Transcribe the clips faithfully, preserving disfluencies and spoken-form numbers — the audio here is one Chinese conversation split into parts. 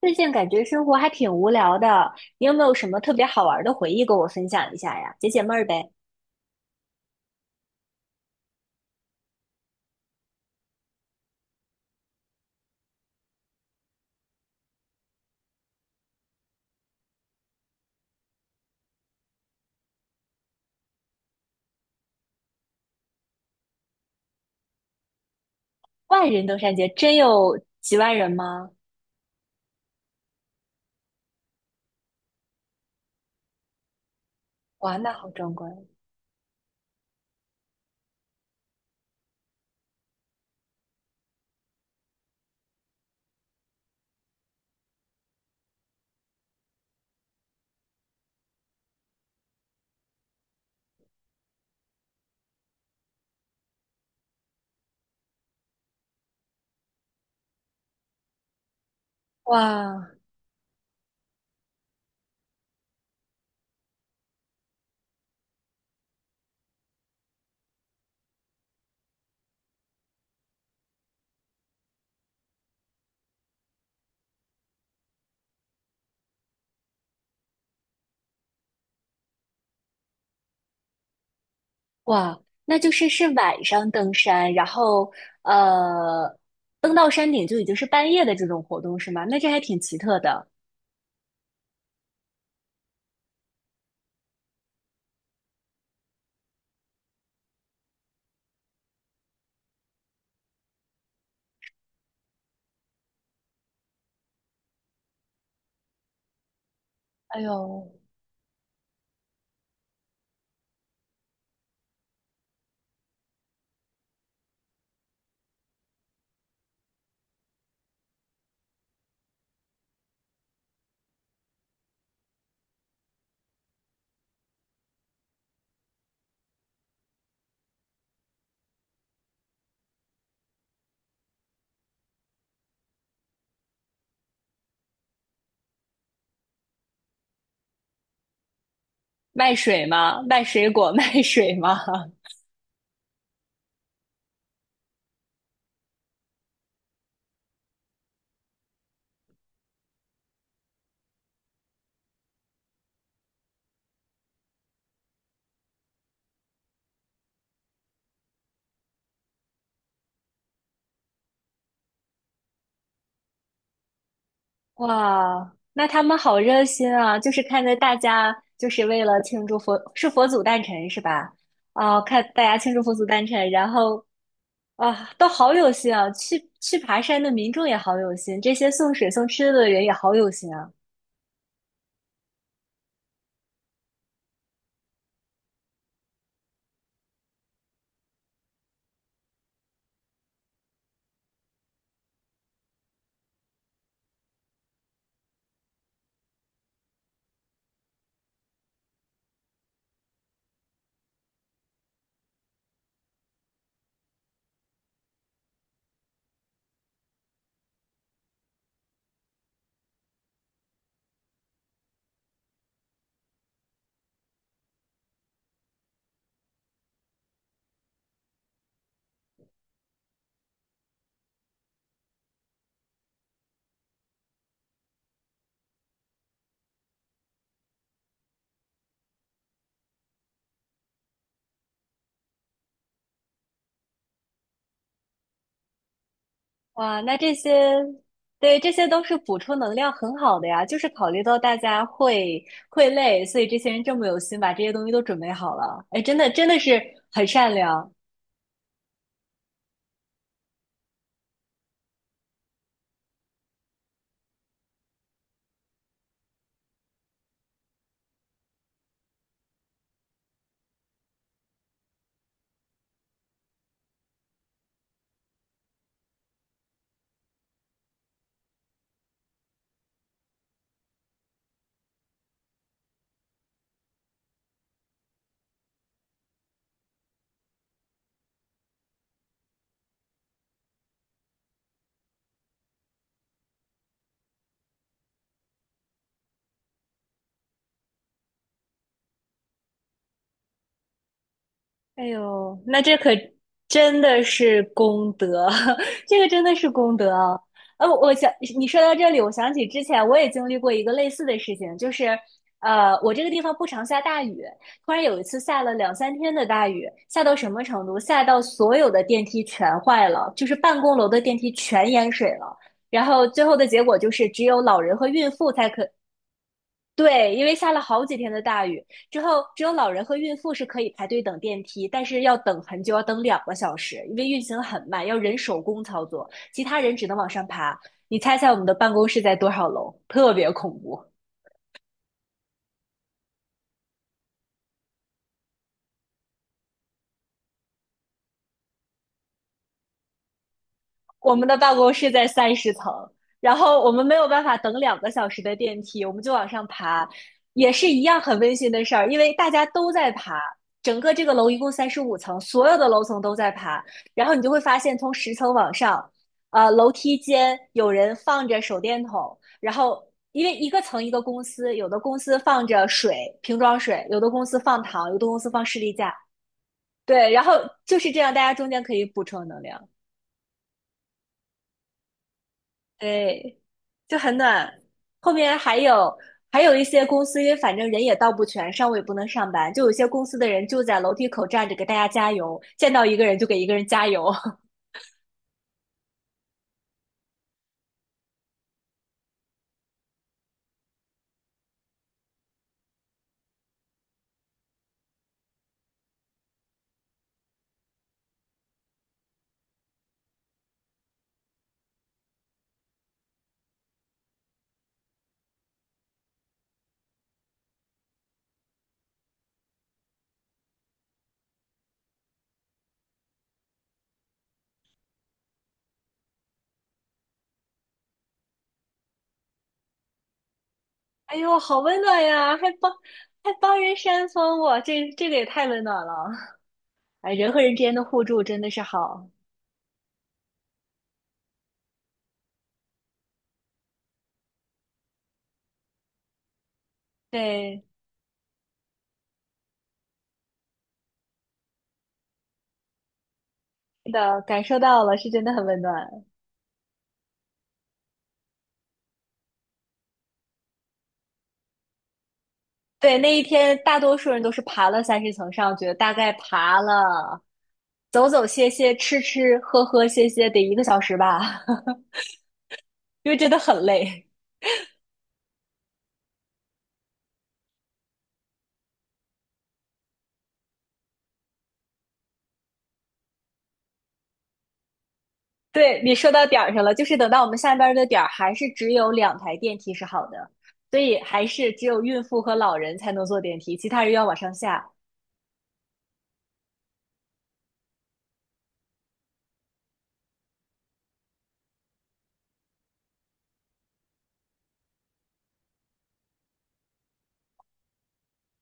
最近感觉生活还挺无聊的，你有没有什么特别好玩的回忆跟我分享一下呀？解解闷儿呗。万人登山节真有几万人吗？哇，那好壮观！哇哇，那就是是晚上登山，然后呃，登到山顶就已经是半夜的这种活动是吗？那这还挺奇特的。哎呦，卖水吗？卖水果？卖水吗？哇，那他们好热心啊！就是看着大家，就是为了庆祝佛，是佛祖诞辰是吧？啊，看大家庆祝佛祖诞辰，然后啊，都好有心啊！去去爬山的民众也好有心，这些送水送吃的人也好有心啊！哇，那这些，对，这些都是补充能量很好的呀。就是考虑到大家会会累，所以这些人这么有心，把这些东西都准备好了。哎，真的真的是很善良。哎呦，那这可真的是功德，这个真的是功德啊！呃，我想你说到这里，我想起之前我也经历过一个类似的事情，就是呃，我这个地方不常下大雨，突然有一次下了两三天的大雨，下到什么程度？下到所有的电梯全坏了，就是办公楼的电梯全淹水了。然后最后的结果就是，只有老人和孕妇才可对，因为下了好几天的大雨，之后只有老人和孕妇是可以排队等电梯，但是要等很久，要等两个小时，因为运行很慢，要人手工操作，其他人只能往上爬。你猜猜我们的办公室在多少楼？特别恐怖。我们的办公室在三十层，然后我们没有办法等两个小时的电梯，我们就往上爬，也是一样很温馨的事儿，因为大家都在爬。整个这个楼一共三十五层，所有的楼层都在爬，然后你就会发现，从十层往上，呃，楼梯间有人放着手电筒，然后因为一个层一个公司，有的公司放着水，瓶装水，有的公司放糖，有的公司放士力架，对，然后就是这样，大家中间可以补充能量。对，就很暖。后面还有还有一些公司，因为反正人也到不全，上午也不能上班，就有些公司的人就在楼梯口站着给大家加油，见到一个人就给一个人加油。哎呦，好温暖呀，还帮还帮人扇风，我这这个也太温暖了。哎，人和人之间的互助真的是好，对，是的，感受到了，是真的很温暖。对，那一天大多数人都是爬了三十层上去的，大概爬了走走歇歇、吃吃喝喝歇歇，得一个小时吧，因为真的很累。对，你说到点儿上了，就是等到我们下班儿的点儿，还是只有两台电梯是好的，所以还是只有孕妇和老人才能坐电梯，其他人要往上下。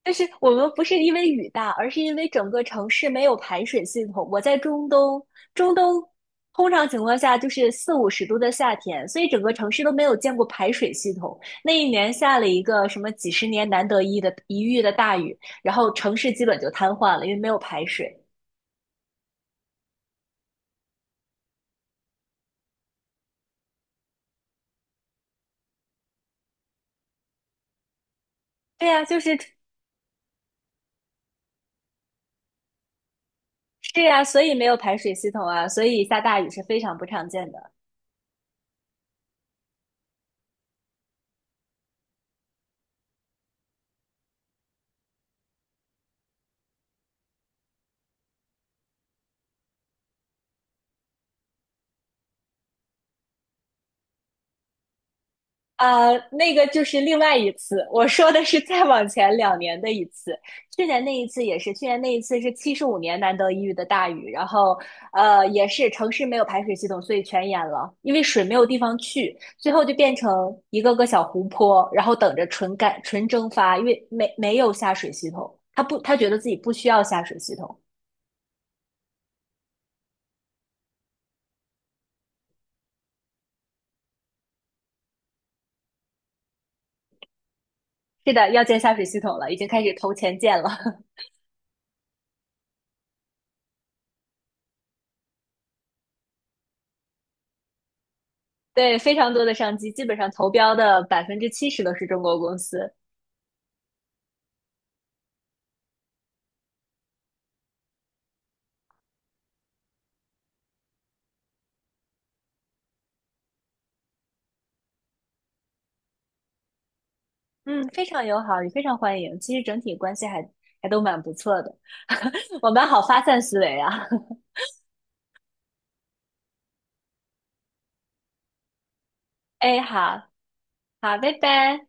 但是我们不是因为雨大，而是因为整个城市没有排水系统。我在中东，中东通常情况下就是四五十度的夏天，所以整个城市都没有见过排水系统。那一年下了一个什么几十年难得一的一遇的大雨，然后城市基本就瘫痪了，因为没有排水。对呀，就是是呀，所以没有排水系统啊，所以下大雨是非常不常见的。呃，那个就是另外一次，我说的是再往前两年的一次。去年那一次也是，去年那一次是七十五年难得一遇的大雨，然后呃也是城市没有排水系统，所以全淹了，因为水没有地方去，最后就变成一个个小湖泊，然后等着纯干纯蒸发，因为没没有下水系统，他不他觉得自己不需要下水系统。是的，要建下水系统了，已经开始投钱建了。对，非常多的商机，基本上投标的百分之七十都是中国公司。嗯，非常友好，也非常欢迎。其实整体关系还还都蛮不错的，我们好发散思维啊。哎，好好，拜拜。